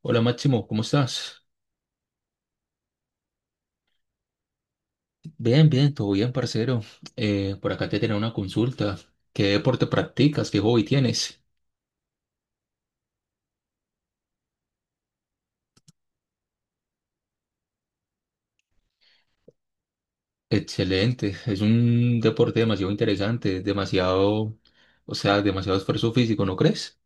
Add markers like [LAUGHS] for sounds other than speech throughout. Hola Máximo, ¿cómo estás? Bien, bien, todo bien, parcero. Por acá te tenía una consulta. ¿Qué deporte practicas? ¿Qué hobby tienes? Excelente, es un deporte demasiado interesante, demasiado, o sea, demasiado esfuerzo físico, ¿no crees?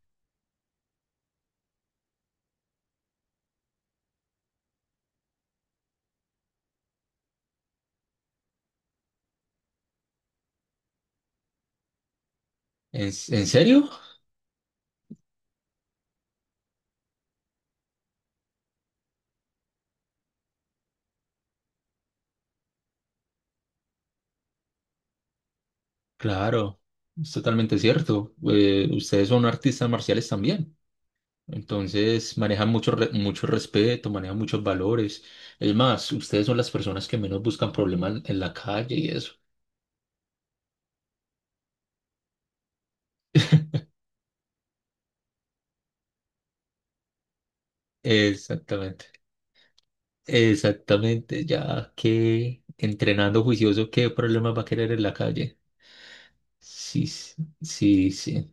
¿En serio? Claro, es totalmente cierto. Ustedes son artistas marciales también, entonces manejan mucho respeto, manejan muchos valores. Es más, ustedes son las personas que menos buscan problemas en la calle y eso. Exactamente. Exactamente, ya que entrenando juicioso, ¿qué problemas va a querer en la calle? Sí, sí, sí, sí.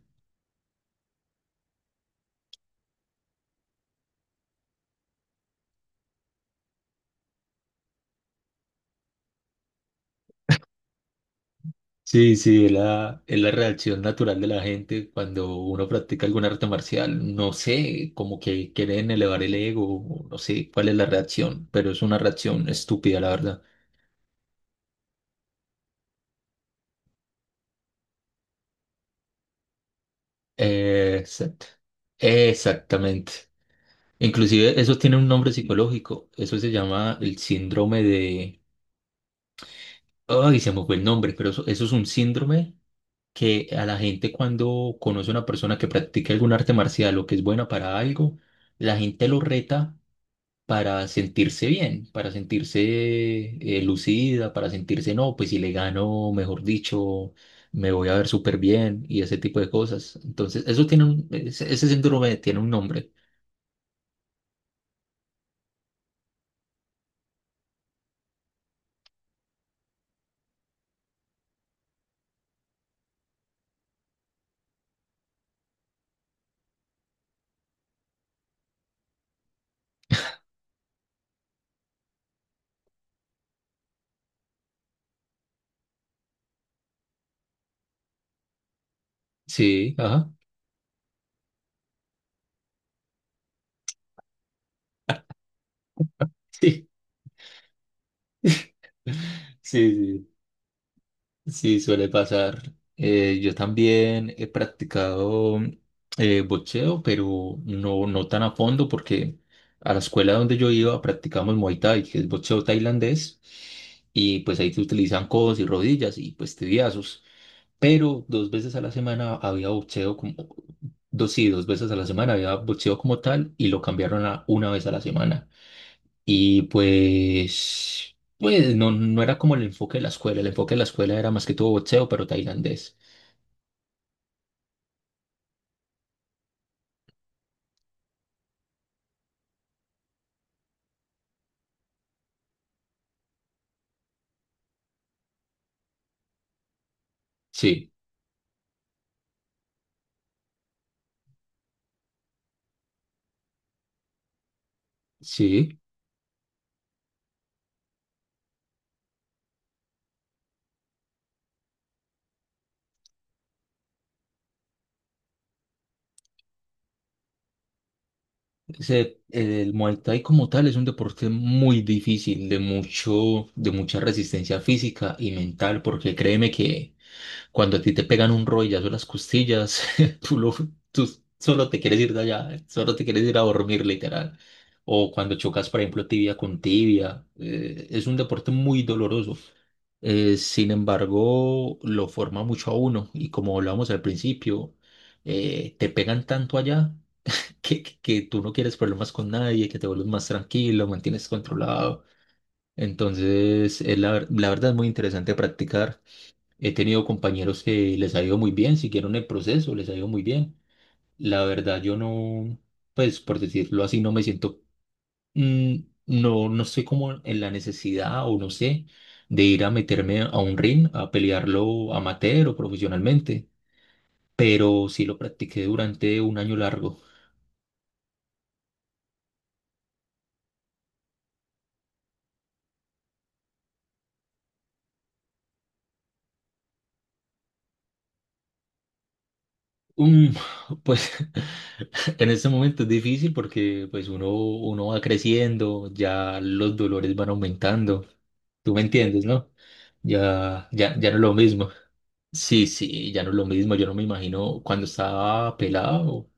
Sí, sí, es la reacción natural de la gente cuando uno practica algún arte marcial. No sé, como que quieren elevar el ego, o no sé cuál es la reacción, pero es una reacción estúpida, la verdad. Exacto. Exactamente. Inclusive eso tiene un nombre psicológico. Eso se llama el síndrome de... Ay, se me fue el nombre, pero eso es un síndrome que a la gente cuando conoce a una persona que practica algún arte marcial o que es buena para algo, la gente lo reta para sentirse bien, para sentirse lucida, para sentirse, no, pues si le gano, mejor dicho, me voy a ver súper bien y ese tipo de cosas. Entonces, eso tiene ese síndrome tiene un nombre. Sí, ajá. [LAUGHS] Sí, sí, sí. Sí, suele pasar. Yo también he practicado boxeo, pero no tan a fondo porque a la escuela donde yo iba practicamos Muay Thai, que es boxeo tailandés, y pues ahí se utilizan codos y rodillas y pues tibiazos. Pero dos veces a la semana había boxeo como, dos, sí, dos veces a la semana había boxeo como tal y lo cambiaron a una vez a la semana. Y pues no era como el enfoque de la escuela, el enfoque de la escuela era más que todo boxeo, pero tailandés. Sí, sí, el Muay Thai como tal es un deporte muy difícil, de mucha resistencia física y mental, porque créeme que cuando a ti te pegan un rodillazo en las costillas, [LAUGHS] tú, lo- tú solo te quieres ir de allá, solo te quieres ir a dormir, literal. O cuando chocas, por ejemplo, tibia con tibia, es un deporte muy doloroso. Sin embargo, lo forma mucho a uno y como hablábamos al principio, te pegan tanto allá [LAUGHS] que tú no quieres problemas con nadie, que te vuelves más tranquilo, mantienes controlado. Entonces, la verdad es muy interesante practicar. He tenido compañeros que les ha ido muy bien, siguieron el proceso, les ha ido muy bien. La verdad, yo no, pues por decirlo así, no me siento, mm, no estoy como en la necesidad o no sé, de ir a meterme a un ring a pelearlo amateur o profesionalmente, pero sí lo practiqué durante un año largo. Mm, [LAUGHS] pues [LAUGHS] en este momento es difícil porque pues uno va creciendo, ya los dolores van aumentando. Tú me entiendes, ¿no? Ya, ya, ya no es lo mismo. Sí, sí, ya no es lo mismo. Yo no me imagino cuando estaba pelado.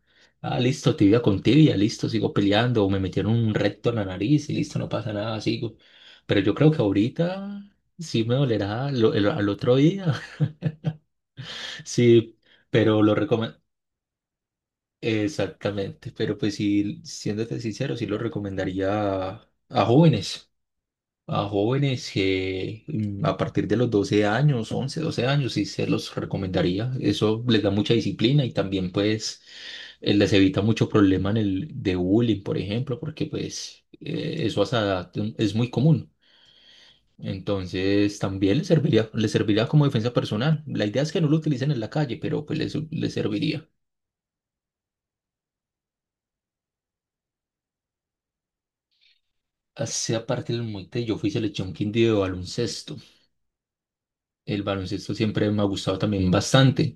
Ah, listo, tibia con tibia, listo, sigo peleando. O me metieron un recto en la nariz y listo, no pasa nada, sigo. Pero yo creo que ahorita sí me dolerá al otro día. [LAUGHS] Sí, pero lo recomiendo. Exactamente, pero pues sí, siéndote sincero, sí lo recomendaría a jóvenes. A jóvenes que a partir de los 12 años, 11 12 años, sí se los recomendaría. Eso les da mucha disciplina y también pues les evita mucho problema en el de bullying, por ejemplo, porque pues eso a esa edad es muy común. Entonces también les serviría como defensa personal. La idea es que no lo utilicen en la calle, pero pues les serviría. Hacia parte del monte, yo fui selección Quindío de baloncesto. El baloncesto siempre me ha gustado también bastante.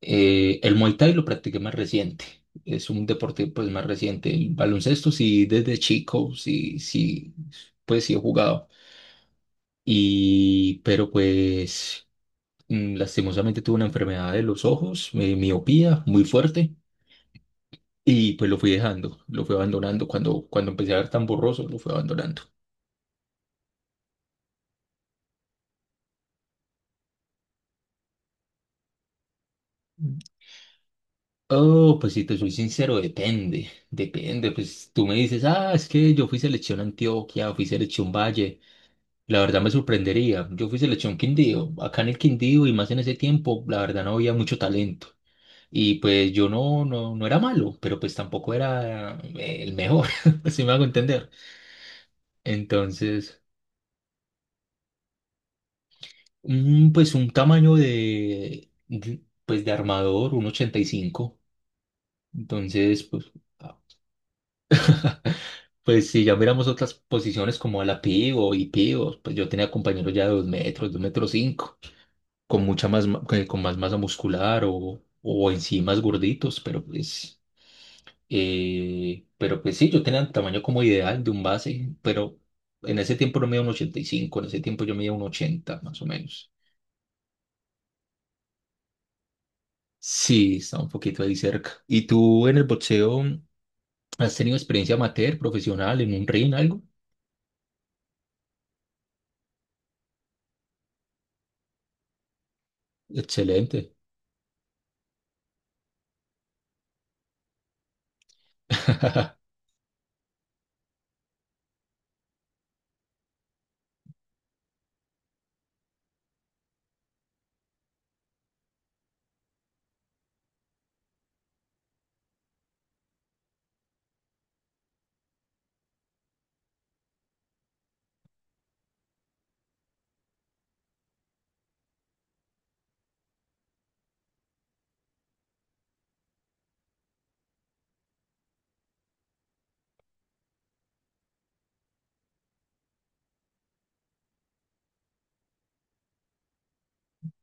El Muay Thai lo practiqué más reciente. Es un deporte pues más reciente. El baloncesto sí desde chico, sí, sí, pues sí he jugado. Y pero pues lastimosamente tuve una enfermedad de los ojos, miopía muy fuerte y pues lo fui dejando, lo fui abandonando cuando empecé a ver tan borroso, lo fui abandonando. Oh, pues si te soy sincero, depende, depende. Pues tú me dices, ah, es que yo fui selección Antioquia, fui selección Valle. La verdad me sorprendería. Yo fui selección Quindío. Acá en el Quindío y más en ese tiempo, la verdad no había mucho talento. Y pues yo no era malo, pero pues tampoco era el mejor, [LAUGHS] si me hago entender. Entonces, un tamaño pues de armador, un 85. Entonces, pues, ah, pues si ya miramos otras posiciones como a la pivo y pivos, pues yo tenía compañeros ya de 2 metros, 2 metros cinco con mucha más, ma- que- con más masa muscular o, en sí más gorditos, pero pues sí, yo tenía el tamaño como ideal de un base, pero en ese tiempo no medía un 85, en ese tiempo yo medía un 80 más o menos. Sí, está un poquito ahí cerca. ¿Y tú en el boxeo has tenido experiencia amateur, profesional, en un ring, algo? Excelente. [LAUGHS]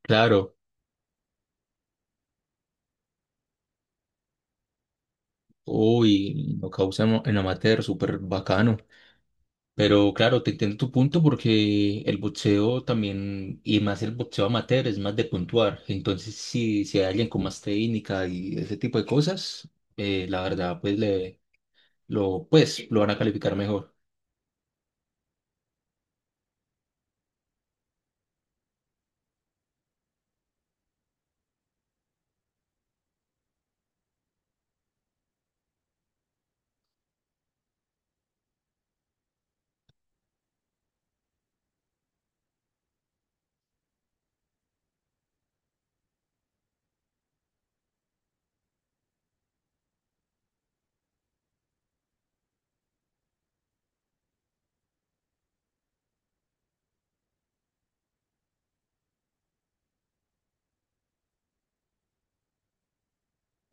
Claro. Uy, lo causa en amateur, súper bacano. Pero claro, te entiendo tu punto porque el boxeo también, y más el boxeo amateur, es más de puntuar. Entonces, si hay alguien con más técnica y ese tipo de cosas, la verdad, pues, pues lo van a calificar mejor.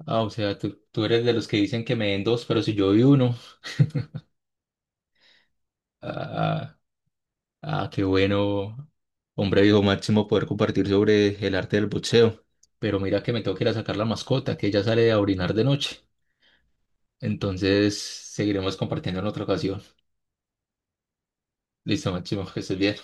Ah, o sea, tú eres de los que dicen que me den dos, pero si yo vi uno, ah, ah, qué bueno, hombre viejo Máximo poder compartir sobre el arte del boxeo. Pero mira que me tengo que ir a sacar la mascota, que ella sale a orinar de noche. Entonces, seguiremos compartiendo en otra ocasión. Listo, Máximo, que estés bien.